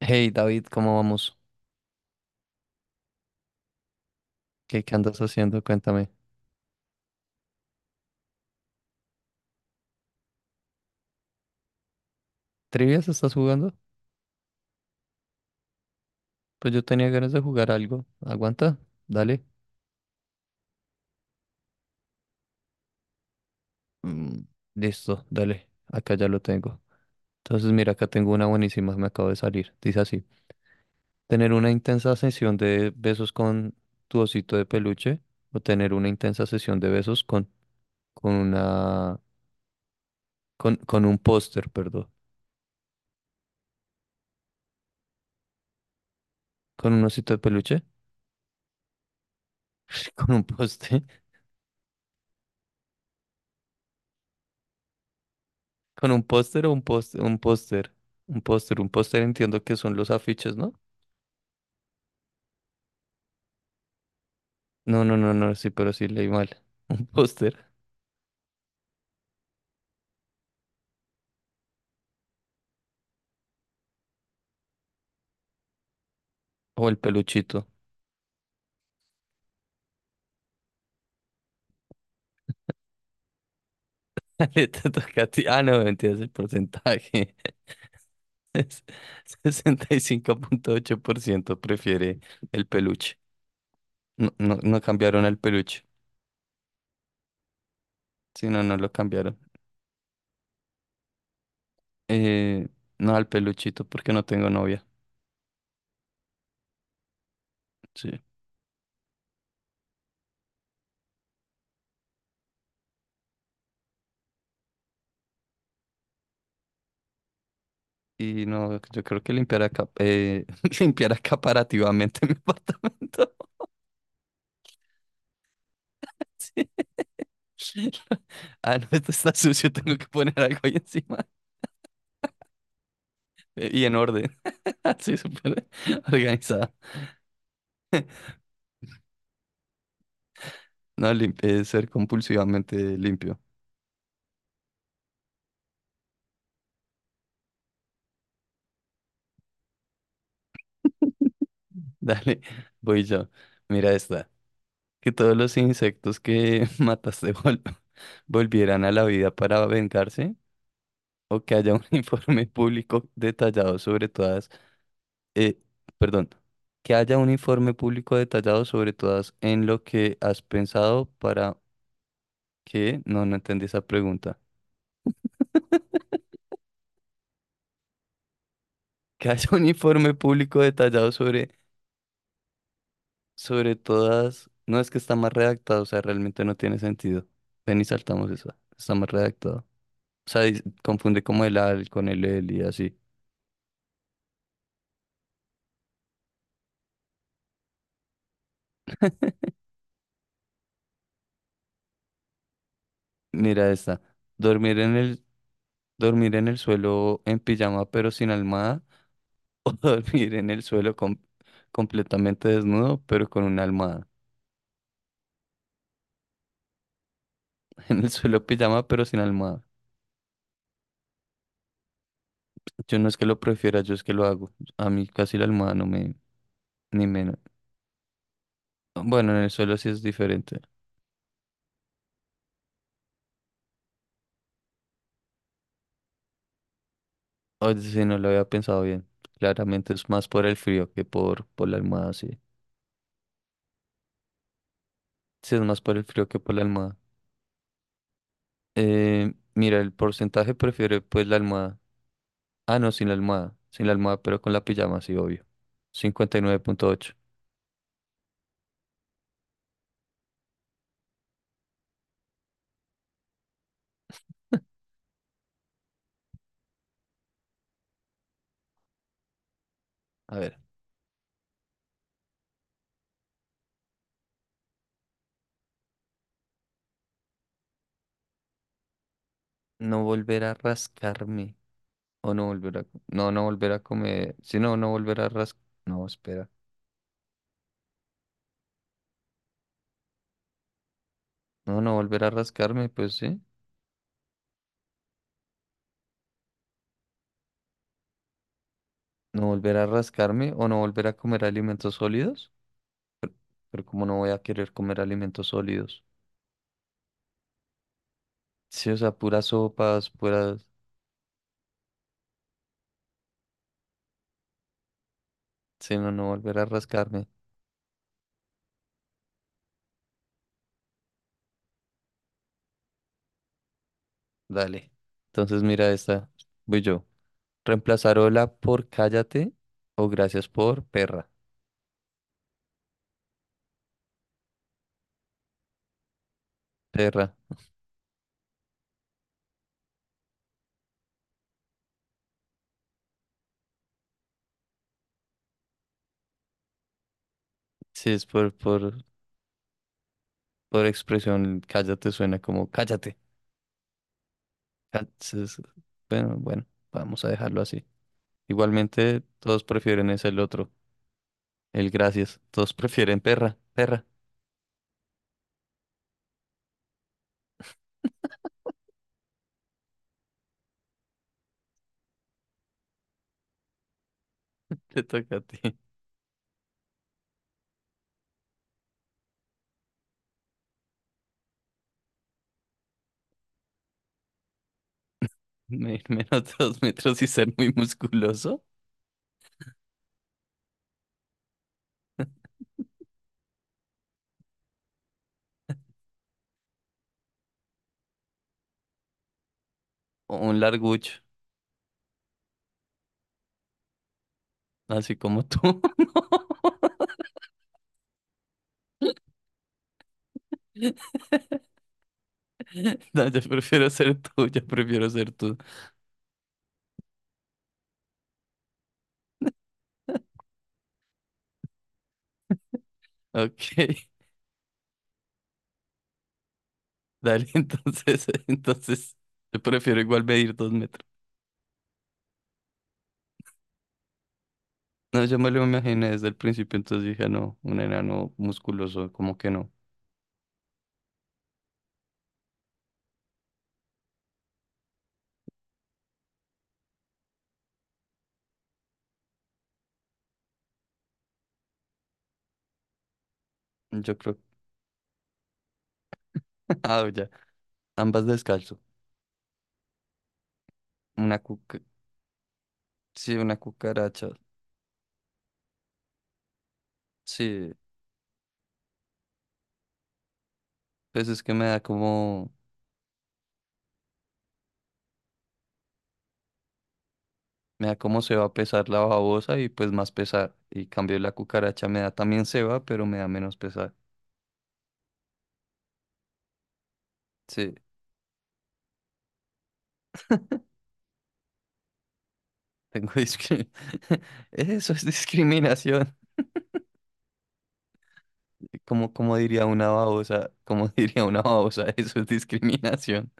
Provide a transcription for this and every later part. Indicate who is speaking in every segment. Speaker 1: Hey David, ¿cómo vamos? ¿Qué andas haciendo? Cuéntame. ¿Trivias estás jugando? Pues yo tenía ganas de jugar algo. ¿Aguanta? Dale. Mm, listo, dale. Acá ya lo tengo. Entonces mira, acá tengo una buenísima, me acabo de salir. Dice así. Tener una intensa sesión de besos con tu osito de peluche o tener una intensa sesión de besos con una... con un póster, perdón. ¿Con un osito de peluche? Con un póster. Con un póster o un póster, un póster, un póster, Un póster entiendo que son los afiches, ¿no? No, no, no, no, sí, pero sí leí mal. Un póster o el peluchito. Le te toca a ti. Ah, no, mentiras, el porcentaje. Es 65,8% prefiere el peluche. No, no, no cambiaron al peluche. Sí, no, no lo cambiaron. Eh, no al peluchito porque no tengo novia. Sí. Y no, yo creo que limpiar, acá, limpiar acaparativamente mi apartamento. Ah, no, esto está sucio, tengo que poner algo ahí encima. Y en orden. Así, súper organizada. No, ser compulsivamente limpio. Dale, voy yo. Mira esta. Que todos los insectos que mataste volvieran a la vida para vengarse. O que haya un informe público detallado sobre todas. eh, perdón. Que haya un informe público detallado sobre todas en lo que has pensado para que. No, no entendí esa pregunta. Que haya un informe público detallado sobre todas. No es que está más redactado, o sea, realmente no tiene sentido. Ven y saltamos eso. Está más redactado. O sea, confunde como el al con el y así. Mira esta. Dormir en el, dormir en el suelo en pijama pero sin almohada o dormir en el suelo completamente desnudo pero con una almohada. En el suelo pijama pero sin almohada. Yo no es que lo prefiera, yo es que lo hago. A mí casi la almohada no me, ni menos. Bueno, en el suelo sí es diferente. Oye, sí, no lo había pensado bien. Claramente es más por el frío que por la almohada, sí. Sí, es más por el frío que por la almohada. Mira, el porcentaje prefiere pues la almohada. Ah, no, sin la almohada. Sin la almohada, pero con la pijama, sí, obvio. 59,8. A ver, no volver a rascarme. O no volver a... No, no volver a comer. Si no, no volver a ras... No, espera. No, no volver a rascarme, pues sí. No volver a rascarme o no volver a comer alimentos sólidos. Pero como no voy a querer comer alimentos sólidos. Sí, o sea, puras sopas, puras... Si no, no volver a rascarme. Dale. Entonces mira esta. Voy yo. Reemplazar hola por cállate o gracias por perra. Perra. Sí, es por expresión. Cállate suena como cállate. Entonces, bueno, bueno, vamos a dejarlo así. Igualmente, todos prefieren es el otro. El gracias. Todos prefieren perra. Perra. Te toca a ti. Medir menos 2 metros y ser muy musculoso o un largucho, así como tú. No, yo prefiero ser tú, yo prefiero ser tú. Ok, dale, entonces, entonces, yo prefiero igual medir 2 metros. No, yo me lo imaginé desde el principio, entonces dije, no, un enano musculoso, como que no. Yo creo, ah, ya, ambas descalzo. Una cuca, sí, una cucaracha, sí, pues es que me da como se va a pesar la babosa y pues más pesar. Y cambio la cucaracha me da también se va, pero me da menos pesar. Sí, tengo discriminación. Eso es discriminación. Como, como diría una babosa, como diría una babosa, eso es discriminación.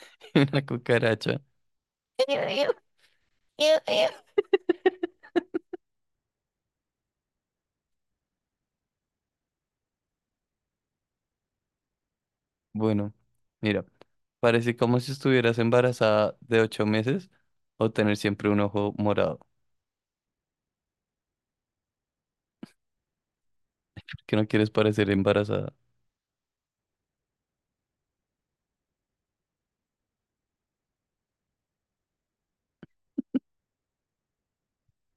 Speaker 1: Una cucaracha. Bueno, mira, parece como si estuvieras embarazada de 8 meses o tener siempre un ojo morado. ¿Por qué no quieres parecer embarazada?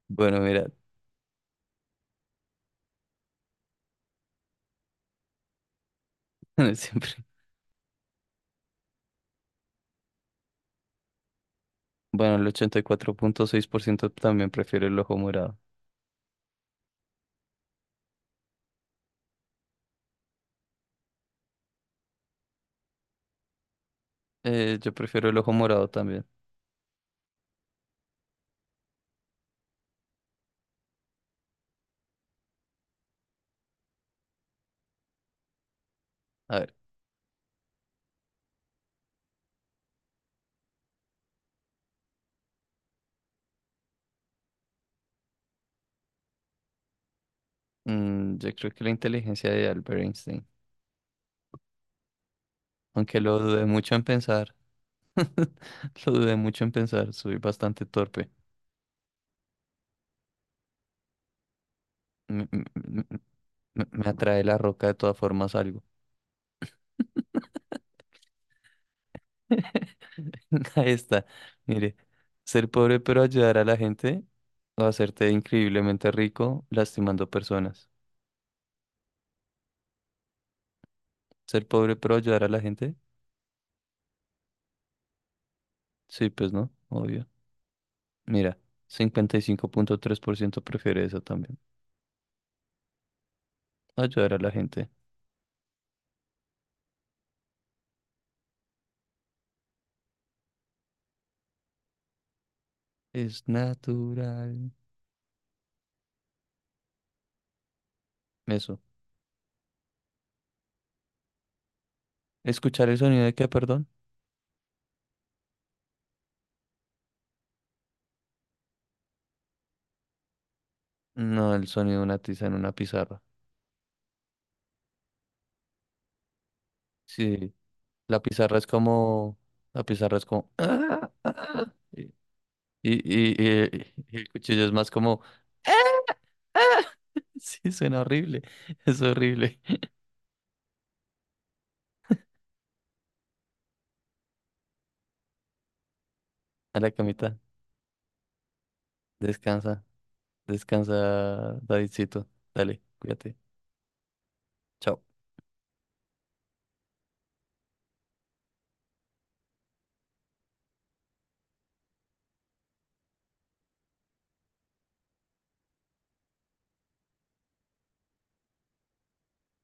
Speaker 1: Bueno, mira, tener siempre. Bueno, el 84,6% también prefiere el ojo morado. Yo prefiero el ojo morado también. A ver, mm, yo creo que la inteligencia de Albert Einstein. Aunque lo dudé mucho en pensar. Lo dudé mucho en pensar. Soy bastante torpe. Me, me- me- me atrae la roca de todas formas algo. Ahí está. Mire, ser pobre pero ayudar a la gente o hacerte increíblemente rico lastimando personas. Ser pobre pero ayudar a la gente. Sí, pues no, obvio. Mira, 55,3% prefiere eso también. Ayudar a la gente. Es natural. Eso. ¿Escuchar el sonido de qué, perdón? No, el sonido de una tiza en una pizarra. Sí, la pizarra es como... La pizarra es como... "Ah, ah", y el cuchillo es más como... "Ah". Sí, suena horrible. Es horrible. A la camita. Descansa. Descansa, Davidcito. Dale, cuídate. Chao.